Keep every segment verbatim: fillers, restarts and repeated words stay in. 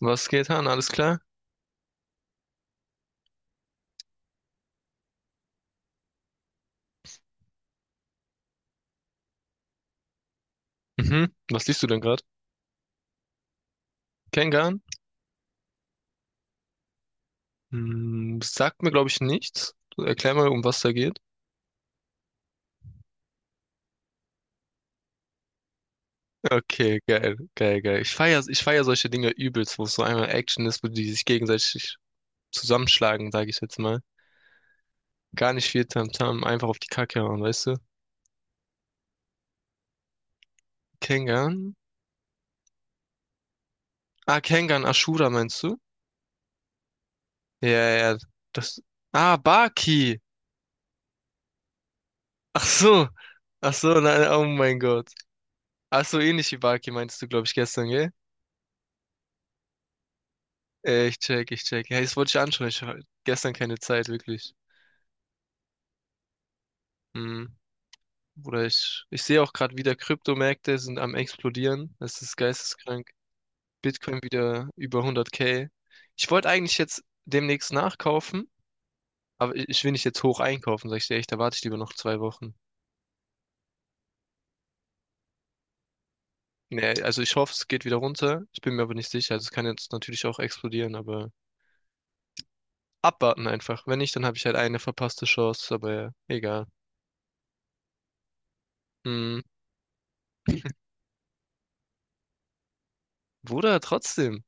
Was geht, Han? Alles klar? Mhm. Was liest du denn gerade? Kengan? Hm, sagt mir, glaube ich, nichts. Erklär mal, um was da geht. Okay, geil, geil, geil. Ich feier, ich feier solche Dinge übelst, wo es so einmal Action ist, wo die sich gegenseitig zusammenschlagen, sage ich jetzt mal. Gar nicht viel Tamtam, einfach auf die Kacke hauen, weißt du? Kengan? Ah, Kengan Ashura meinst du? Ja, ja, das. Ah, Baki! Ach so! Ach so, nein, oh mein Gott. Ach so, ähnlich wie Baki meinst du, glaube ich, gestern, gell? Äh, ich check, ich check. Ja, das wollte ich anschauen. Ich hatte gestern keine Zeit, wirklich. Hm. Oder ich, ich sehe auch gerade wieder, Kryptomärkte sind am explodieren. Das ist geisteskrank. Bitcoin wieder über hundert k. Ich wollte eigentlich jetzt demnächst nachkaufen, aber ich, ich will nicht jetzt hoch einkaufen, sag ich dir echt. Da warte ich lieber noch zwei Wochen. Nee, also ich hoffe, es geht wieder runter. Ich bin mir aber nicht sicher. Also es kann jetzt natürlich auch explodieren, aber abwarten einfach. Wenn nicht, dann habe ich halt eine verpasste Chance, aber ja, egal. Hm. Bruder, trotzdem.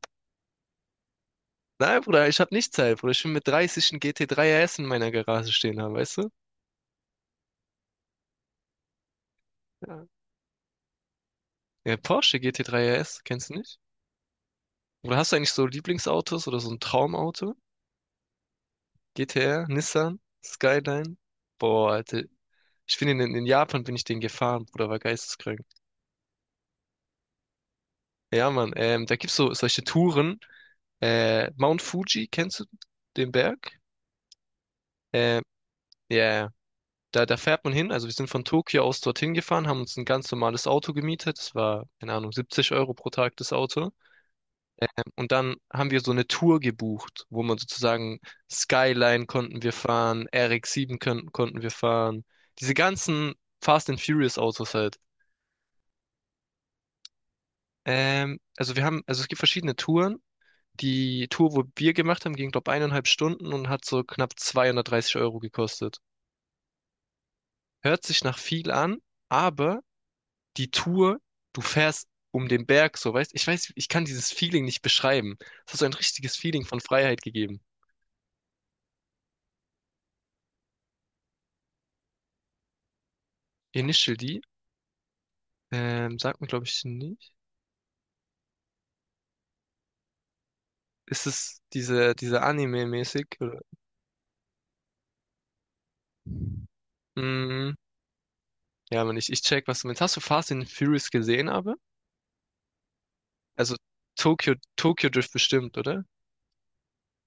Nein, Bruder, ich habe nicht Zeit, Bruder. Ich will mit dreißig einen G T drei R S in meiner Garage stehen haben, weißt du? Ja. Ja, Porsche G T drei R S, kennst du nicht? Oder hast du eigentlich so Lieblingsautos oder so ein Traumauto? G T R, Nissan, Skyline? Boah, Alter. Ich bin in, in Japan bin ich den gefahren, Bruder, war geisteskrank. Ja, Mann, ähm, da gibt's so solche Touren. Äh, Mount Fuji, kennst du den Berg? Ähm, ja, ja. Da, da fährt man hin. Also wir sind von Tokio aus dorthin gefahren, haben uns ein ganz normales Auto gemietet. Das war, keine Ahnung, siebzig Euro pro Tag das Auto. Und dann haben wir so eine Tour gebucht, wo man sozusagen Skyline konnten wir fahren, R X sieben konnten, konnten wir fahren. Diese ganzen Fast and Furious Autos halt. Ähm, also wir haben, also es gibt verschiedene Touren. Die Tour, wo wir gemacht haben, ging, glaube ich, eineinhalb Stunden und hat so knapp zweihundertdreißig Euro gekostet. Hört sich nach viel an, aber die Tour, du fährst um den Berg, so weißt, ich weiß, ich kann dieses Feeling nicht beschreiben. Es hat so ein richtiges Feeling von Freiheit gegeben. Initial D, ähm, sagt mir glaube ich nicht. Ist es diese, diese Anime-mäßig? Oder? Mm, ja, aber nicht. Ich check, was du meinst. Hast du Fast and Furious gesehen, aber? Also Tokyo, Tokyo Drift bestimmt, oder?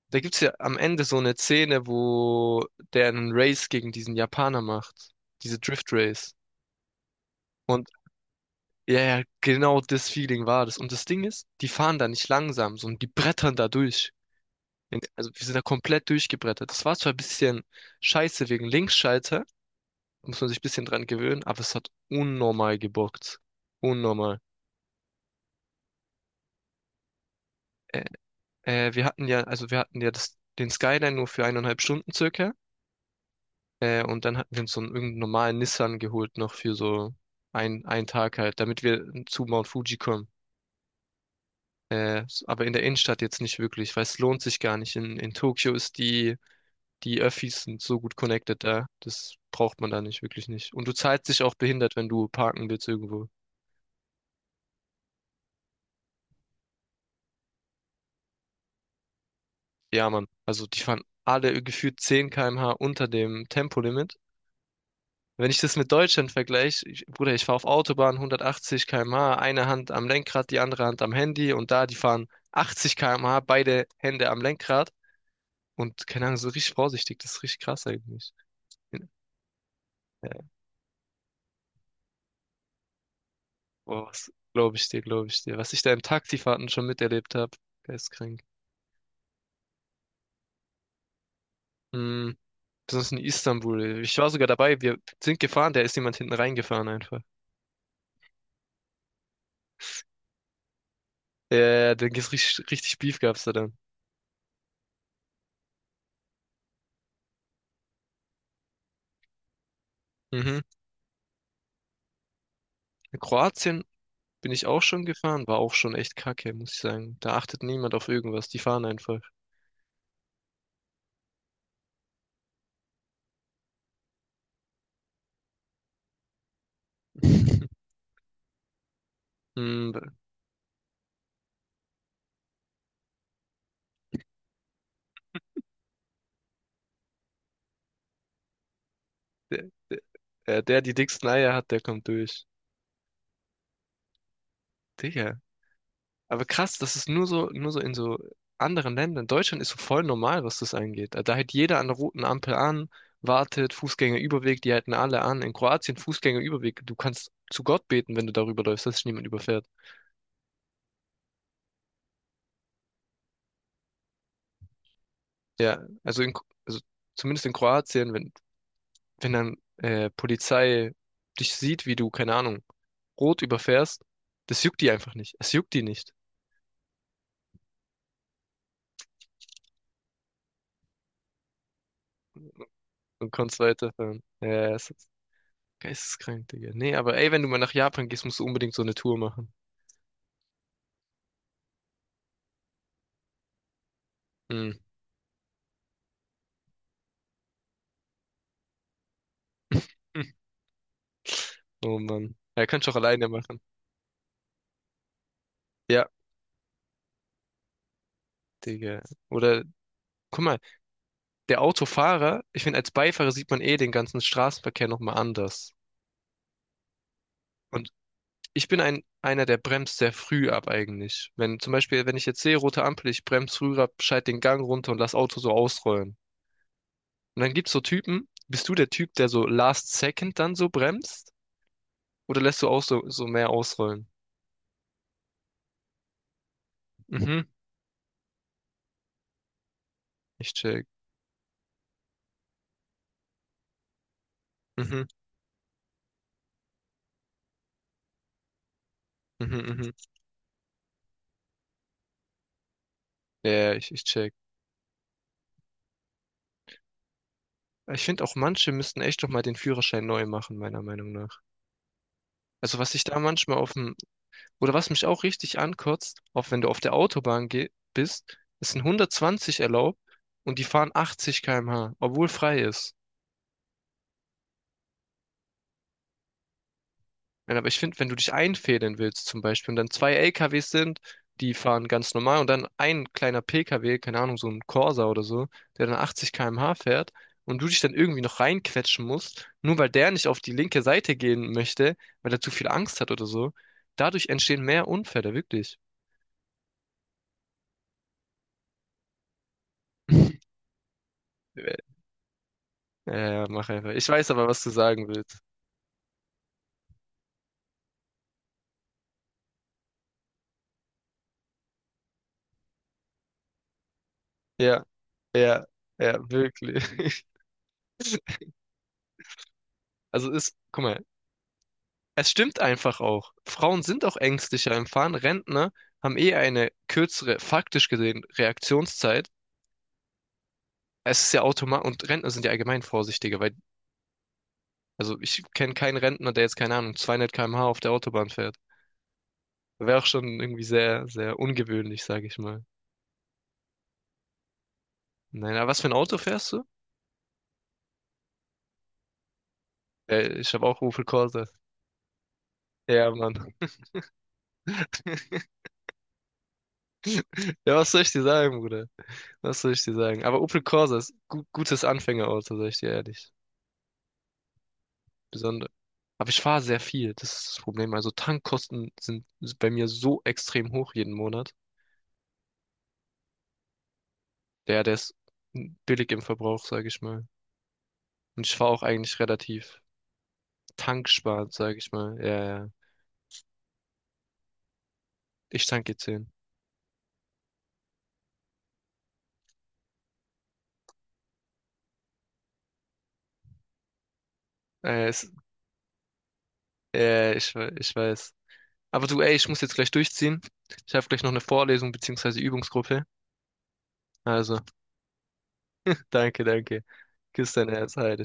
Da gibt's ja am Ende so eine Szene, wo der einen Race gegen diesen Japaner macht. Diese Drift Race. Und ja, ja, genau das Feeling war das. Und das Ding ist, die fahren da nicht langsam, sondern die brettern da durch. In- Also wir sind da komplett durchgebrettert. Das war zwar ein bisschen scheiße wegen Linksschalter, muss man sich ein bisschen dran gewöhnen, aber es hat unnormal gebockt. Unnormal. Äh, äh, wir hatten ja, also Wir hatten ja das, den Skyline nur für eineinhalb Stunden circa. Äh, und dann hatten wir uns so einen irgendeinen normalen Nissan geholt noch für so ein, einen Tag halt, damit wir zu Mount Fuji kommen. Äh, s- aber in der Innenstadt jetzt nicht wirklich, weil es lohnt sich gar nicht. In, in Tokio ist die, die Öffis sind so gut connected da. Das braucht man da nicht, wirklich nicht. Und du zahlst dich auch behindert, wenn du parken willst irgendwo. Ja, Mann. Also die fahren alle gefühlt zehn Kilometer pro Stunde unter dem Tempolimit. Wenn ich das mit Deutschland vergleiche, ich, Bruder, ich fahre auf Autobahn hundertachtzig Kilometer pro Stunde, eine Hand am Lenkrad, die andere Hand am Handy und da, die fahren achtzig Kilometer pro Stunde, beide Hände am Lenkrad und keine Ahnung, so richtig vorsichtig, das ist richtig krass eigentlich. Boah, was glaube ich dir, glaube ich dir. Was ich da in Taxifahrten schon miterlebt habe, geistkrank. Mhm. Besonders in Istanbul. Ich war sogar dabei, wir sind gefahren, da ist jemand hinten reingefahren einfach. Ja, da gibt's richtig, richtig Beef gab's da dann. Mhm. In Kroatien bin ich auch schon gefahren, war auch schon echt kacke, muss ich sagen. Da achtet niemand auf irgendwas, die fahren einfach. Mhm. Der, der die dicksten Eier hat, der kommt durch. Digga, aber krass, das ist nur so, nur so in so anderen Ländern. Deutschland ist so voll normal, was das angeht. Da hält jeder an der roten Ampel an, wartet, Fußgängerüberweg, die halten alle an. In Kroatien Fußgängerüberweg, du kannst zu Gott beten, wenn du darüber läufst, dass dich niemand überfährt. Ja, also, in, K- also zumindest in Kroatien, wenn, wenn dann äh, Polizei dich sieht, wie du, keine Ahnung, rot überfährst, das juckt die einfach nicht. Es juckt die nicht. Und kannst weiterfahren. Ja, es ist geisteskrank, Digga. Nee, aber ey, wenn du mal nach Japan gehst, musst du unbedingt so eine Tour machen. Mhm. Hm. Oh Mann. Er könnte es auch alleine machen. Ja, Digga. Oder, guck mal, der Autofahrer, ich finde, als Beifahrer sieht man eh den ganzen Straßenverkehr nochmal anders. Und ich bin ein, einer, der bremst sehr früh ab eigentlich. Wenn zum Beispiel, wenn ich jetzt sehe, rote Ampel, ich bremse früh ab, schalte den Gang runter und lass Auto so ausrollen. Und dann gibt's so Typen, bist du der Typ, der so last second dann so bremst? Oder lässt du auch so, so mehr ausrollen? Mhm, ich check. Mhm, mhm, mhm. Ja, ich, ich check. Ich finde auch manche müssten echt noch mal den Führerschein neu machen, meiner Meinung nach. Also was ich da manchmal auf dem, oder was mich auch richtig ankotzt, auch wenn du auf der Autobahn geh bist, ist ein hundertzwanzig erlaubt und die fahren achtzig Kilometer pro Stunde, obwohl frei ist. Nein, aber ich finde, wenn du dich einfädeln willst zum Beispiel und dann zwei L K Ws sind, die fahren ganz normal und dann ein kleiner P K W, keine Ahnung, so ein Corsa oder so, der dann achtzig Kilometer pro Stunde fährt und du dich dann irgendwie noch reinquetschen musst, nur weil der nicht auf die linke Seite gehen möchte, weil er zu viel Angst hat oder so, dadurch entstehen mehr Unfälle, wirklich. Ja, ja, mach einfach. Ich weiß aber, was du sagen willst. Ja, ja, ja, wirklich. Also ist, guck mal. Es stimmt einfach auch. Frauen sind auch ängstlicher im Fahren. Rentner haben eh eine kürzere, faktisch gesehen, Reaktionszeit. Es ist ja automatisch, und Rentner sind ja allgemein vorsichtiger, weil, also ich kenne keinen Rentner, der jetzt, keine Ahnung, zweihundert Kilometer pro Stunde auf der Autobahn fährt. Wäre auch schon irgendwie sehr, sehr ungewöhnlich, sage ich mal. Nein, aber was für ein Auto fährst du? Äh, ich habe auch Opel Corsa. Ja, Mann. Ja, was soll ich dir sagen, Bruder? Was soll ich dir sagen? Aber Opel Corsa ist gu gutes Anfängerauto, sag ich dir ehrlich. Besonders. Aber ich fahre sehr viel, das ist das Problem. Also Tankkosten sind bei mir so extrem hoch jeden Monat. Der, der ist billig im Verbrauch, sage ich mal. Und ich fahre auch eigentlich relativ tanksparend, sage ich mal. Ja, ja. Ich tanke zehn. 10. Äh, es, äh, ich, we- Ich weiß. Aber du, ey, ich muss jetzt gleich durchziehen. Ich habe gleich noch eine Vorlesung beziehungsweise Übungsgruppe. Also, danke, danke. Küss dein Herz, Heide.